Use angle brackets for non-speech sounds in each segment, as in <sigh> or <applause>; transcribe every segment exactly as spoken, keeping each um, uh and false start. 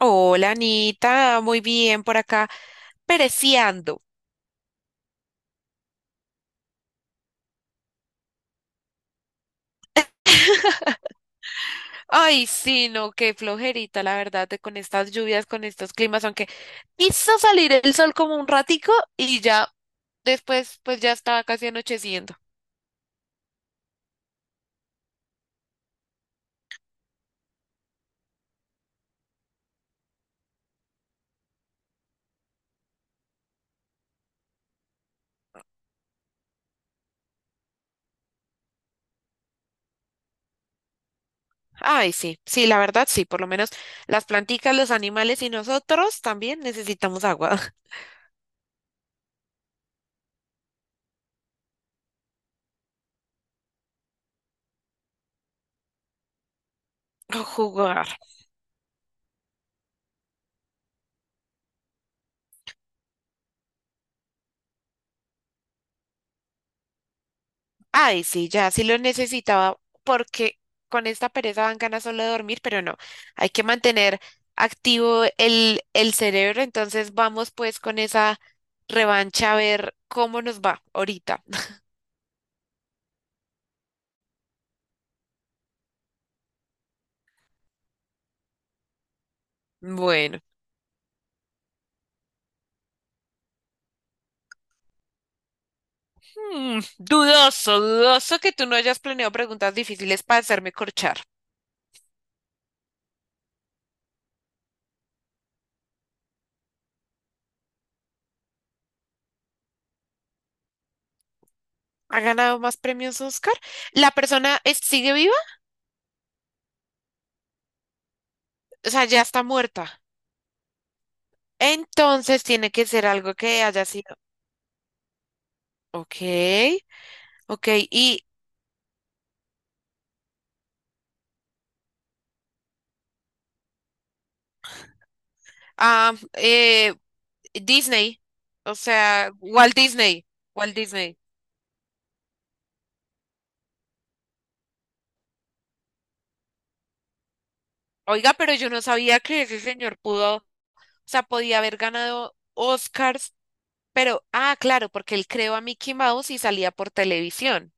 Hola Anita, muy bien por acá, pereciando. <laughs> Ay, sí, no, qué flojerita, la verdad, de con estas lluvias, con estos climas, aunque quiso salir el sol como un ratico y ya después, pues ya estaba casi anocheciendo. Ay, sí, sí, la verdad, sí, por lo menos las planticas, los animales y nosotros también necesitamos agua. <laughs> O jugar. Ay, sí, ya sí lo necesitaba porque con esta pereza dan ganas solo de dormir, pero no, hay que mantener activo el, el cerebro, entonces vamos pues con esa revancha a ver cómo nos va ahorita. Bueno, mm, dudoso, dudoso que tú no hayas planeado preguntas difíciles para hacerme corchar. ¿Ha ganado más premios Oscar? ¿La persona es- sigue viva? O sea, ya está muerta. Entonces tiene que ser algo que haya sido. Ok, ok. ¿Y Ah, eh, Disney, o sea, Walt Disney. Walt Disney. Oiga, pero yo no sabía que ese señor pudo, o sea, podía haber ganado Oscars, pero, ah, claro, porque él creó a Mickey Mouse y salía por televisión.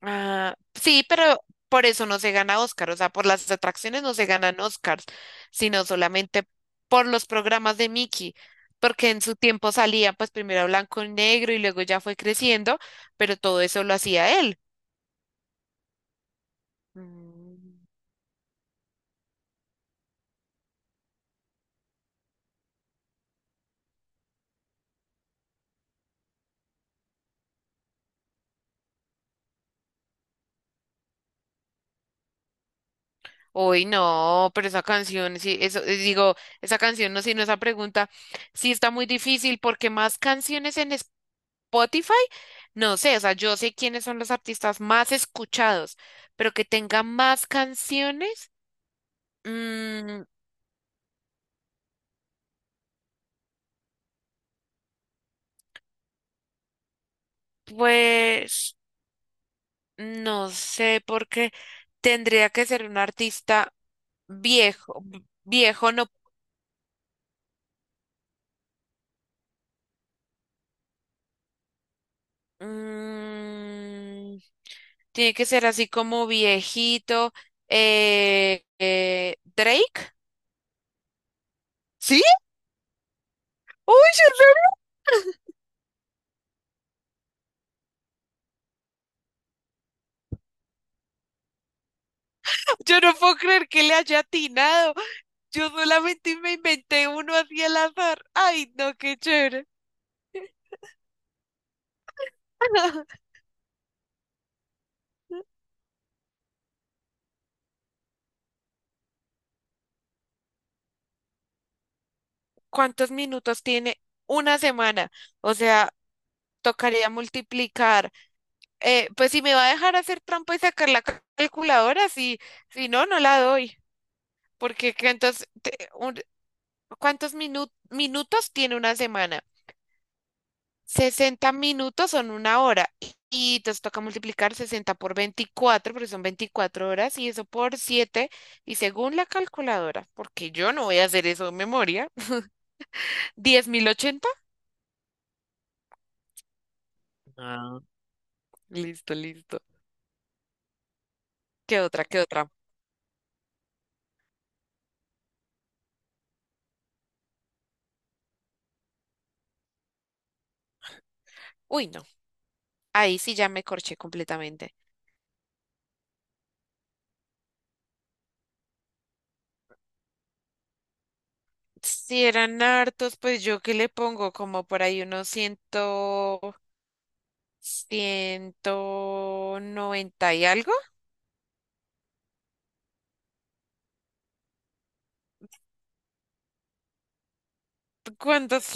Ah, sí, pero por eso no se gana Oscar, o sea, por las atracciones no se ganan Oscars, sino solamente por los programas de Mickey, porque en su tiempo salía pues primero a blanco y negro y luego ya fue creciendo, pero todo eso lo hacía él. Mm. Uy, no, pero esa canción, sí, eso, eh, digo, esa canción, no, sino esa pregunta, sí está muy difícil porque más canciones en Spotify, no sé, o sea, yo sé quiénes son los artistas más escuchados, pero que tenga más canciones, mm, pues no sé, porque tendría que ser un artista viejo, viejo no, mm, Tiene que ser así como viejito. Eh, eh, ¿Drake? ¿Sí? ¡Uy, yo no, yo no puedo creer que le haya atinado! Yo solamente me inventé uno así al azar. ¡Ay, no, qué chévere! <laughs> ¿Cuántos minutos tiene una semana? O sea, tocaría multiplicar. Eh, pues si me va a dejar hacer trampa y sacar la ca- calculadora, si, si no, no la doy. Porque que entonces, te- un- ¿Cuántos minu- minutos tiene una semana? sesenta minutos son una hora y entonces toca multiplicar sesenta por veinticuatro porque son veinticuatro horas y eso por siete y según la calculadora, porque yo no voy a hacer eso de memoria, <laughs> diez mil ochenta. Ah, listo, listo. ¿Qué otra? ¿Qué otra? Uy, no. Ahí sí ya me corché completamente. Si eran hartos, pues yo qué le pongo como por ahí unos ciento, ciento noventa y algo. ¿Cuántos?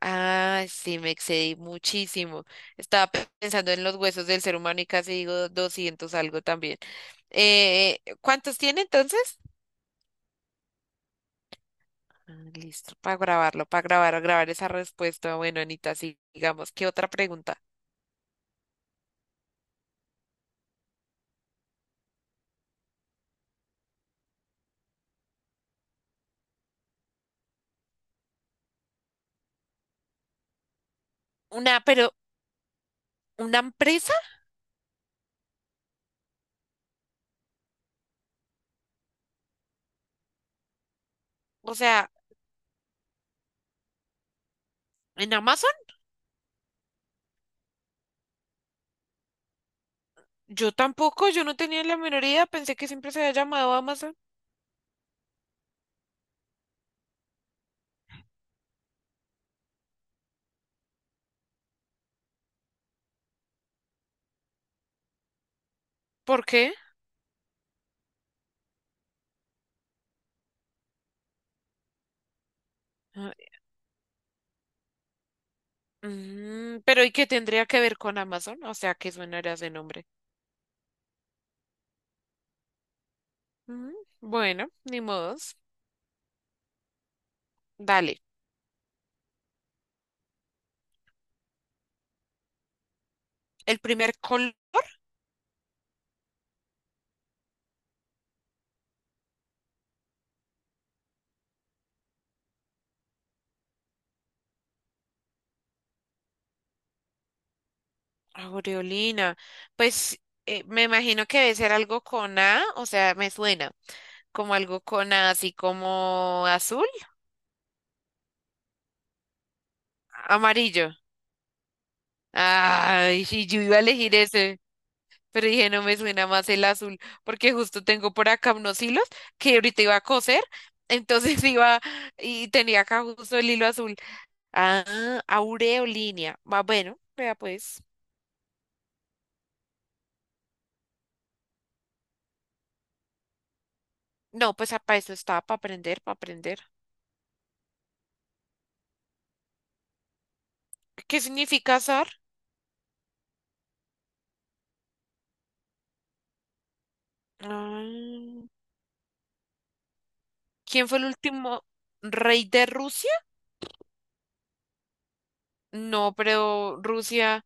Ah, sí, me excedí muchísimo. Estaba pe- pensando en los huesos del ser humano y casi digo doscientos algo también. Eh, eh, ¿cuántos tiene entonces? Ah, listo, para grabarlo, para grabar, grabar esa respuesta. Bueno, Anita, sigamos. ¿Qué otra pregunta? Una, pero ¿una empresa? O sea, ¿en Amazon? Yo tampoco, yo no tenía la menor idea, pensé que siempre se había llamado Amazon. ¿Por qué? Ah, mm, pero ¿y qué tendría que ver con Amazon? O sea, ¿qué suena ese nombre? Mm, bueno, ni modo. Vale, el primer color, aureolina, pues eh, me imagino que debe ser algo con A, o sea, me suena como algo con A, así como azul, amarillo. Ay, sí, yo iba a elegir ese, pero dije, no me suena más el azul, porque justo tengo por acá unos hilos que ahorita iba a coser, entonces <laughs> iba y tenía acá justo el hilo azul. Ah, aureolina, va bueno, vea pues. No, pues ah, para eso estaba, para aprender, para aprender. ¿Qué significa zar? Ah, ¿quién fue el último rey de Rusia? No, pero Rusia,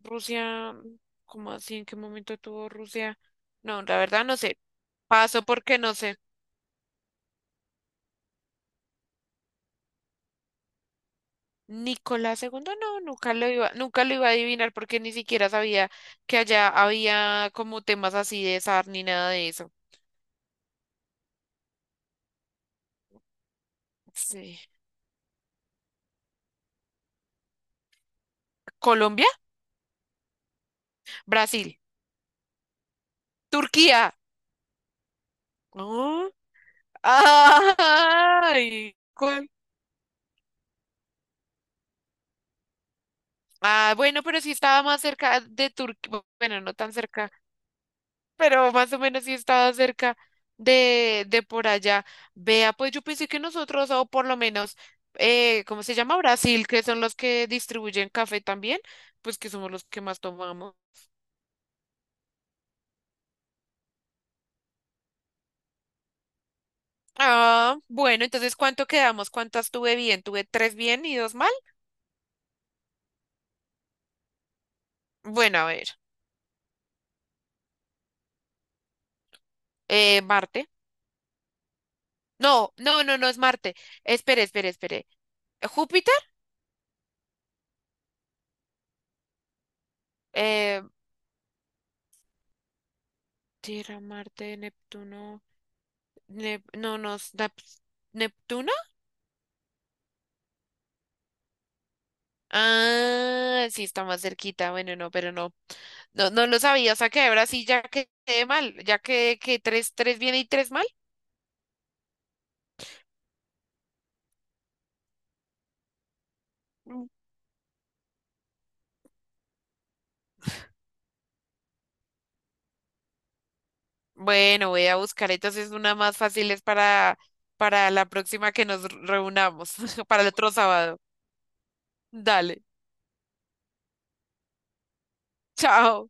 Rusia, ¿cómo así? ¿En qué momento tuvo Rusia? No, la verdad no sé. Paso porque no sé. Nicolás segundo, no, nunca lo iba, nunca lo iba a adivinar porque ni siquiera sabía que allá había como temas así de zar ni nada de eso. Sí. Colombia, Brasil, Turquía. ¿No? <laughs> ¡Ay! ¿Cuál? Ah, bueno, pero sí estaba más cerca de Turquía, bueno, no tan cerca, pero más o menos sí estaba cerca de, de por allá. Vea, pues yo pensé que nosotros, o por lo menos, eh, ¿cómo se llama? Brasil, que son los que distribuyen café también, pues que somos los que más tomamos. Ah, bueno, entonces, ¿cuánto quedamos? ¿Cuántas tuve bien? ¿Tuve tres bien y dos mal? Bueno, a ver, eh, Marte. No, no, no, no es Marte. Espere, espere, espere. ¿Júpiter? Eh, Tierra, Marte, Neptuno. Nep- no, no, es Nap- ¿Neptuno? Ah, sí, está más cerquita. Bueno, no, pero no. No, no lo sabía. O sea que ahora sí ya quedé mal. Ya quedé que tres, tres bien y tres mal. Mm. Bueno, voy a buscar entonces una más fácil es para, para la próxima que nos reunamos, <laughs> para el otro sábado. Dale, chao.